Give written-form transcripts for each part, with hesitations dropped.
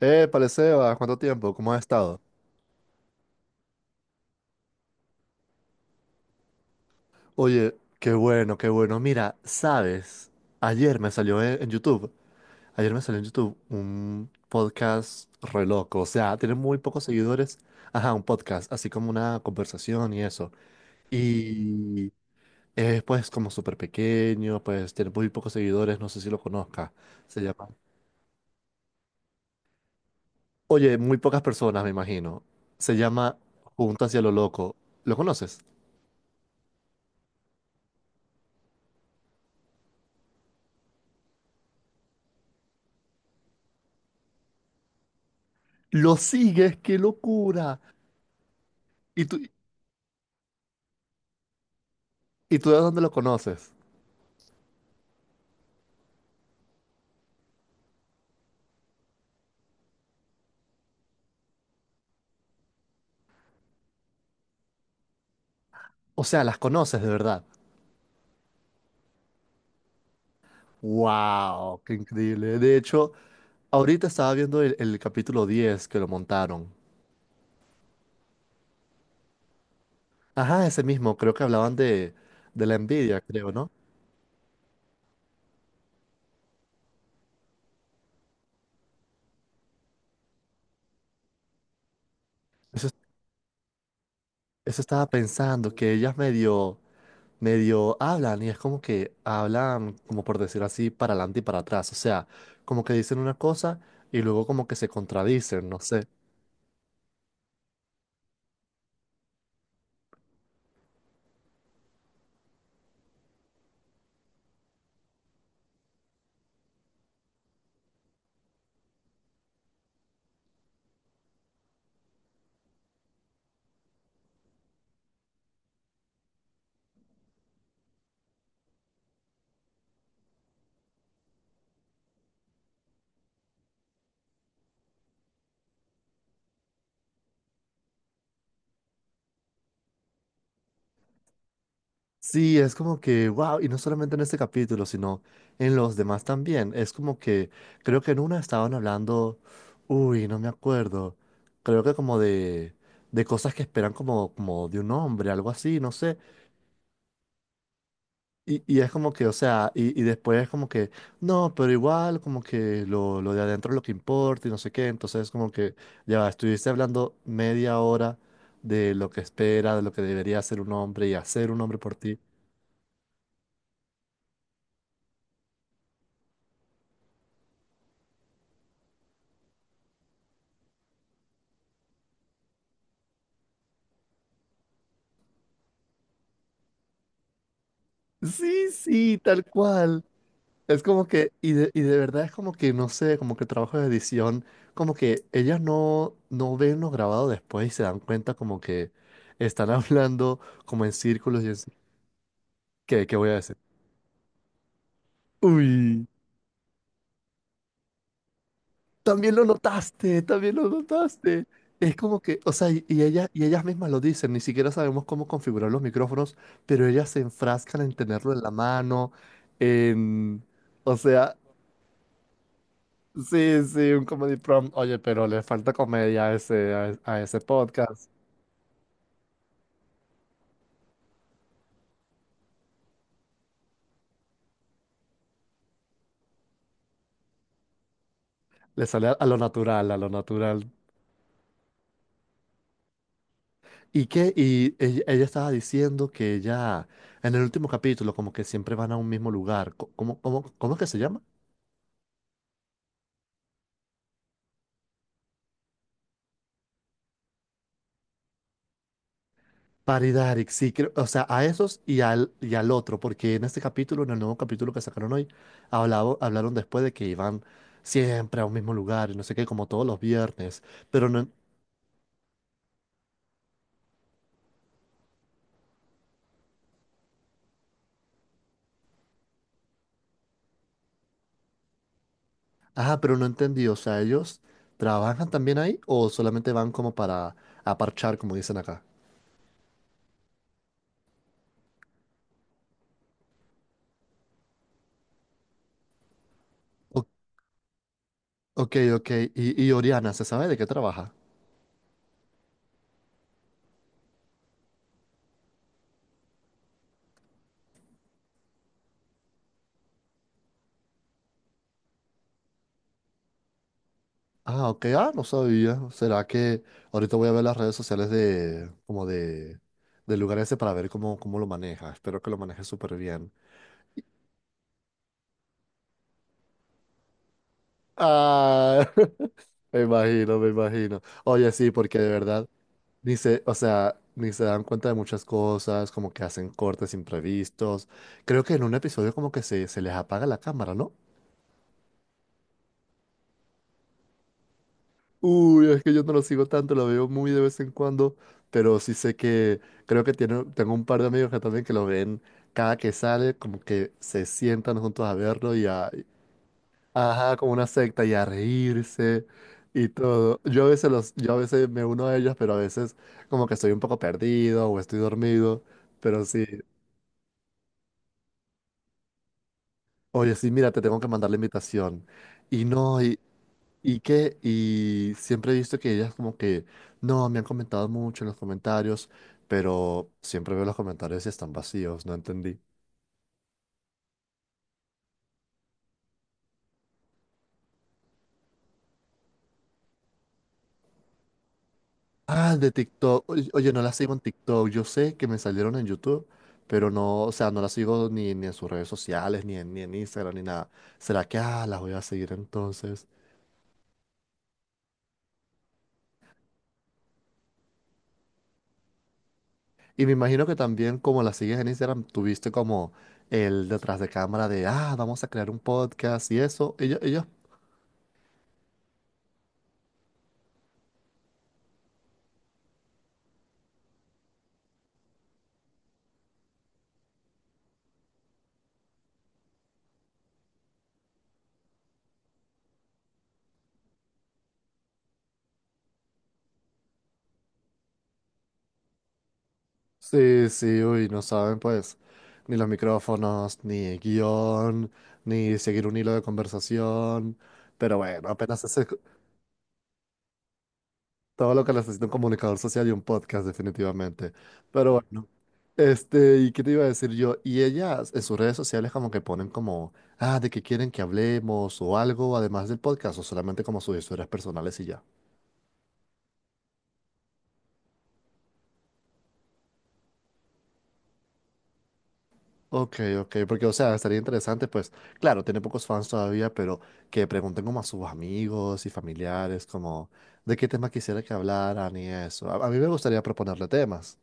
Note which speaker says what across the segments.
Speaker 1: Paleseba, ¿cuánto tiempo? ¿Cómo has estado? Oye, qué bueno, qué bueno. Mira, sabes, ayer me salió en YouTube, ayer me salió en YouTube un podcast re loco, o sea, tiene muy pocos seguidores, ajá, un podcast, así como una conversación y eso. Y es pues como súper pequeño, pues tiene muy pocos seguidores, no sé si lo conozca. Se llama... Oye, muy pocas personas, me imagino. Se llama Juntas y a lo loco. ¿Lo conoces? Lo sigues, qué locura. Y tú, ¿Y tú de dónde lo conoces? O sea, las conoces de verdad. ¡Wow! ¡Qué increíble! De hecho, ahorita estaba viendo el capítulo 10 que lo montaron. Ajá, ese mismo. Creo que hablaban de la envidia, creo, ¿no? Eso, eso estaba pensando, que ellas medio, medio hablan y es como que hablan, como por decir así, para adelante y para atrás. O sea, como que dicen una cosa y luego como que se contradicen, no sé. Sí, es como que, wow, y no solamente en este capítulo, sino en los demás también. Es como que, creo que en una estaban hablando, uy, no me acuerdo, creo que como de cosas que esperan como, como de un hombre, algo así, no sé. Y es como que, o sea, y después es como que, no, pero igual como que lo de adentro es lo que importa y no sé qué. Entonces es como que, ya va, estuviste hablando media hora de lo que espera, de lo que debería hacer un hombre y hacer un hombre por ti. Sí, sí, tal cual. Es como que, y de verdad es como que, no sé, como que el trabajo de edición, como que ellas no ven lo grabado después y se dan cuenta como que están hablando como en círculos y es, ¿qué, qué voy a decir? Uy, también lo notaste, también lo notaste. Es como que, o sea, y ellas, y ellas mismas lo dicen, ni siquiera sabemos cómo configurar los micrófonos, pero ellas se enfrascan en tenerlo en la mano, en... O sea, sí, sí, un comedy prompt. Oye, pero le falta comedia a ese, a ese podcast. Le sale a lo natural, a lo natural. ¿Y qué? Y ella estaba diciendo que ya en el último capítulo, como que siempre van a un mismo lugar. ¿Cómo, cómo, cómo es que se llama? Paridaric, sí, creo- o sea, a esos y al otro, porque en este capítulo, en el nuevo capítulo que sacaron hoy, hablaron después de que iban siempre a un mismo lugar y no sé qué, como todos los viernes, pero no, ah, pero no entendí, o sea, ¿ellos trabajan también ahí o solamente van como para aparchar, como dicen acá? O- ok, ok, y Oriana, ¿se sabe de qué trabaja? Ah, ok, ah, no sabía. ¿Será que ahorita voy a ver las redes sociales del lugar ese para ver cómo, cómo lo maneja? Espero que lo maneje súper bien. Ah, me imagino, me imagino. Oye, sí, porque de verdad. Ni se, o sea, ni se dan cuenta de muchas cosas, como que hacen cortes imprevistos. Creo que en un episodio como que se les apaga la cámara, ¿no? Uy, es que yo no lo sigo tanto, lo veo muy de vez en cuando, pero sí sé que creo que tiene, tengo un par de amigos que también que lo ven cada que sale, como que se sientan juntos a verlo y a, ajá, como una secta y a reírse y todo. Yo a veces me uno a ellos, pero a veces como que estoy un poco perdido o estoy dormido, pero sí. Oye, sí, mira, te tengo que mandar la invitación. Y no, y qué, y siempre he visto que ellas como que, no, me han comentado mucho en los comentarios, pero siempre veo los comentarios y están vacíos, no entendí. Ah, de TikTok. Oye, oye, no las sigo en TikTok. Yo sé que me salieron en YouTube, pero no, o sea, no las sigo ni en sus redes sociales, ni en Instagram, ni nada. ¿Será que, ah, las voy a seguir entonces? Y me imagino que también, como la sigues en Instagram, tuviste como el detrás de cámara de, ah, vamos a crear un podcast y eso. Sí, sí, uy, no saben pues ni los micrófonos, ni el guión, ni seguir un hilo de conversación. Pero bueno, apenas es todo lo que necesita un comunicador social y un podcast, definitivamente. Pero bueno. Este, ¿y qué te iba a decir yo? Y ellas en sus redes sociales como que ponen como, ah, de que quieren que hablemos o algo, además del podcast, o solamente como sus historias personales y ya. Ok, ok, porque o sea, estaría interesante, pues, claro, tiene pocos fans todavía, pero que pregunten como a sus amigos y familiares, como, de qué tema quisiera que hablaran y eso. A mí me gustaría proponerle temas.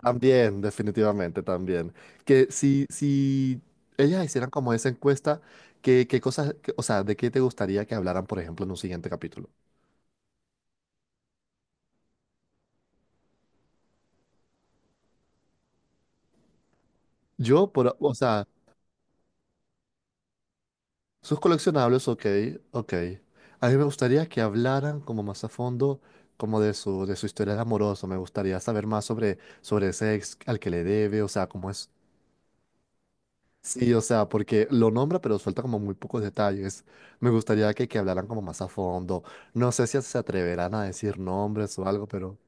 Speaker 1: También, definitivamente, también. Que si ellas hicieran como esa encuesta, ¿qué, qué cosas, qué- o sea, de qué te gustaría que hablaran, por ejemplo, en un siguiente capítulo? Yo, por, o sea, sus coleccionables, ok, ok. A mí me gustaría que hablaran como más a fondo, como de su historia de amoroso. Me gustaría saber más sobre ese ex al que le debe, o sea, cómo es sí, o sea, porque lo nombra, pero suelta como muy pocos detalles. Me gustaría que hablaran como más a fondo. No sé si se atreverán a decir nombres o algo, pero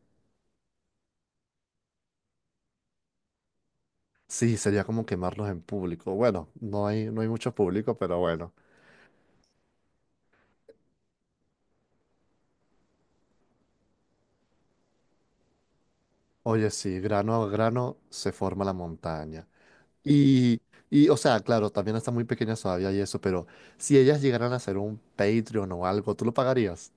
Speaker 1: sí, sería como quemarlos en público. Bueno, no hay mucho público, pero bueno. Oye, sí, grano a grano se forma la montaña. Y, o sea, claro, también están muy pequeñas todavía y eso, pero si ellas llegaran a hacer un Patreon o algo, ¿tú lo pagarías?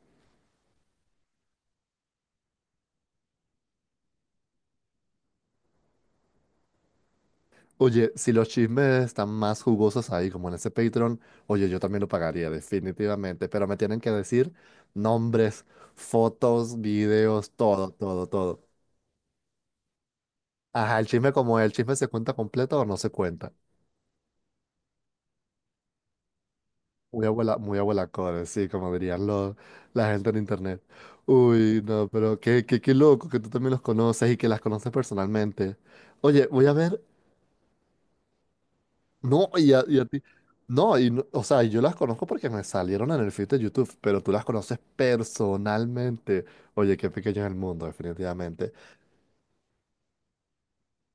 Speaker 1: Oye, si los chismes están más jugosos ahí, como en ese Patreon, oye, yo también lo pagaría, definitivamente. Pero me tienen que decir nombres, fotos, videos, todo, todo, todo. Ajá, el chisme como el chisme se cuenta completo o no se cuenta. Muy abuela core, sí, como dirían los, la gente en internet. Uy, no, pero qué, qué, qué loco que tú también los conoces y que las conoces personalmente. Oye, voy a ver no, y a ti. No, o sea, yo las conozco porque me salieron en el feed de YouTube, pero tú las conoces personalmente. Oye, qué pequeño es el mundo, definitivamente.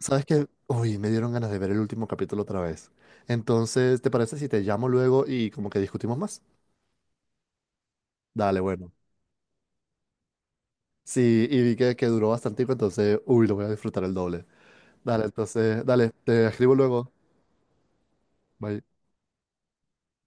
Speaker 1: ¿Sabes qué? Uy, me dieron ganas de ver el último capítulo otra vez. Entonces, ¿te parece si te llamo luego y como que discutimos más? Dale, bueno. Sí, y vi que duró bastante, entonces, uy, lo voy a disfrutar el doble. Dale, entonces, dale, te escribo luego. Bye.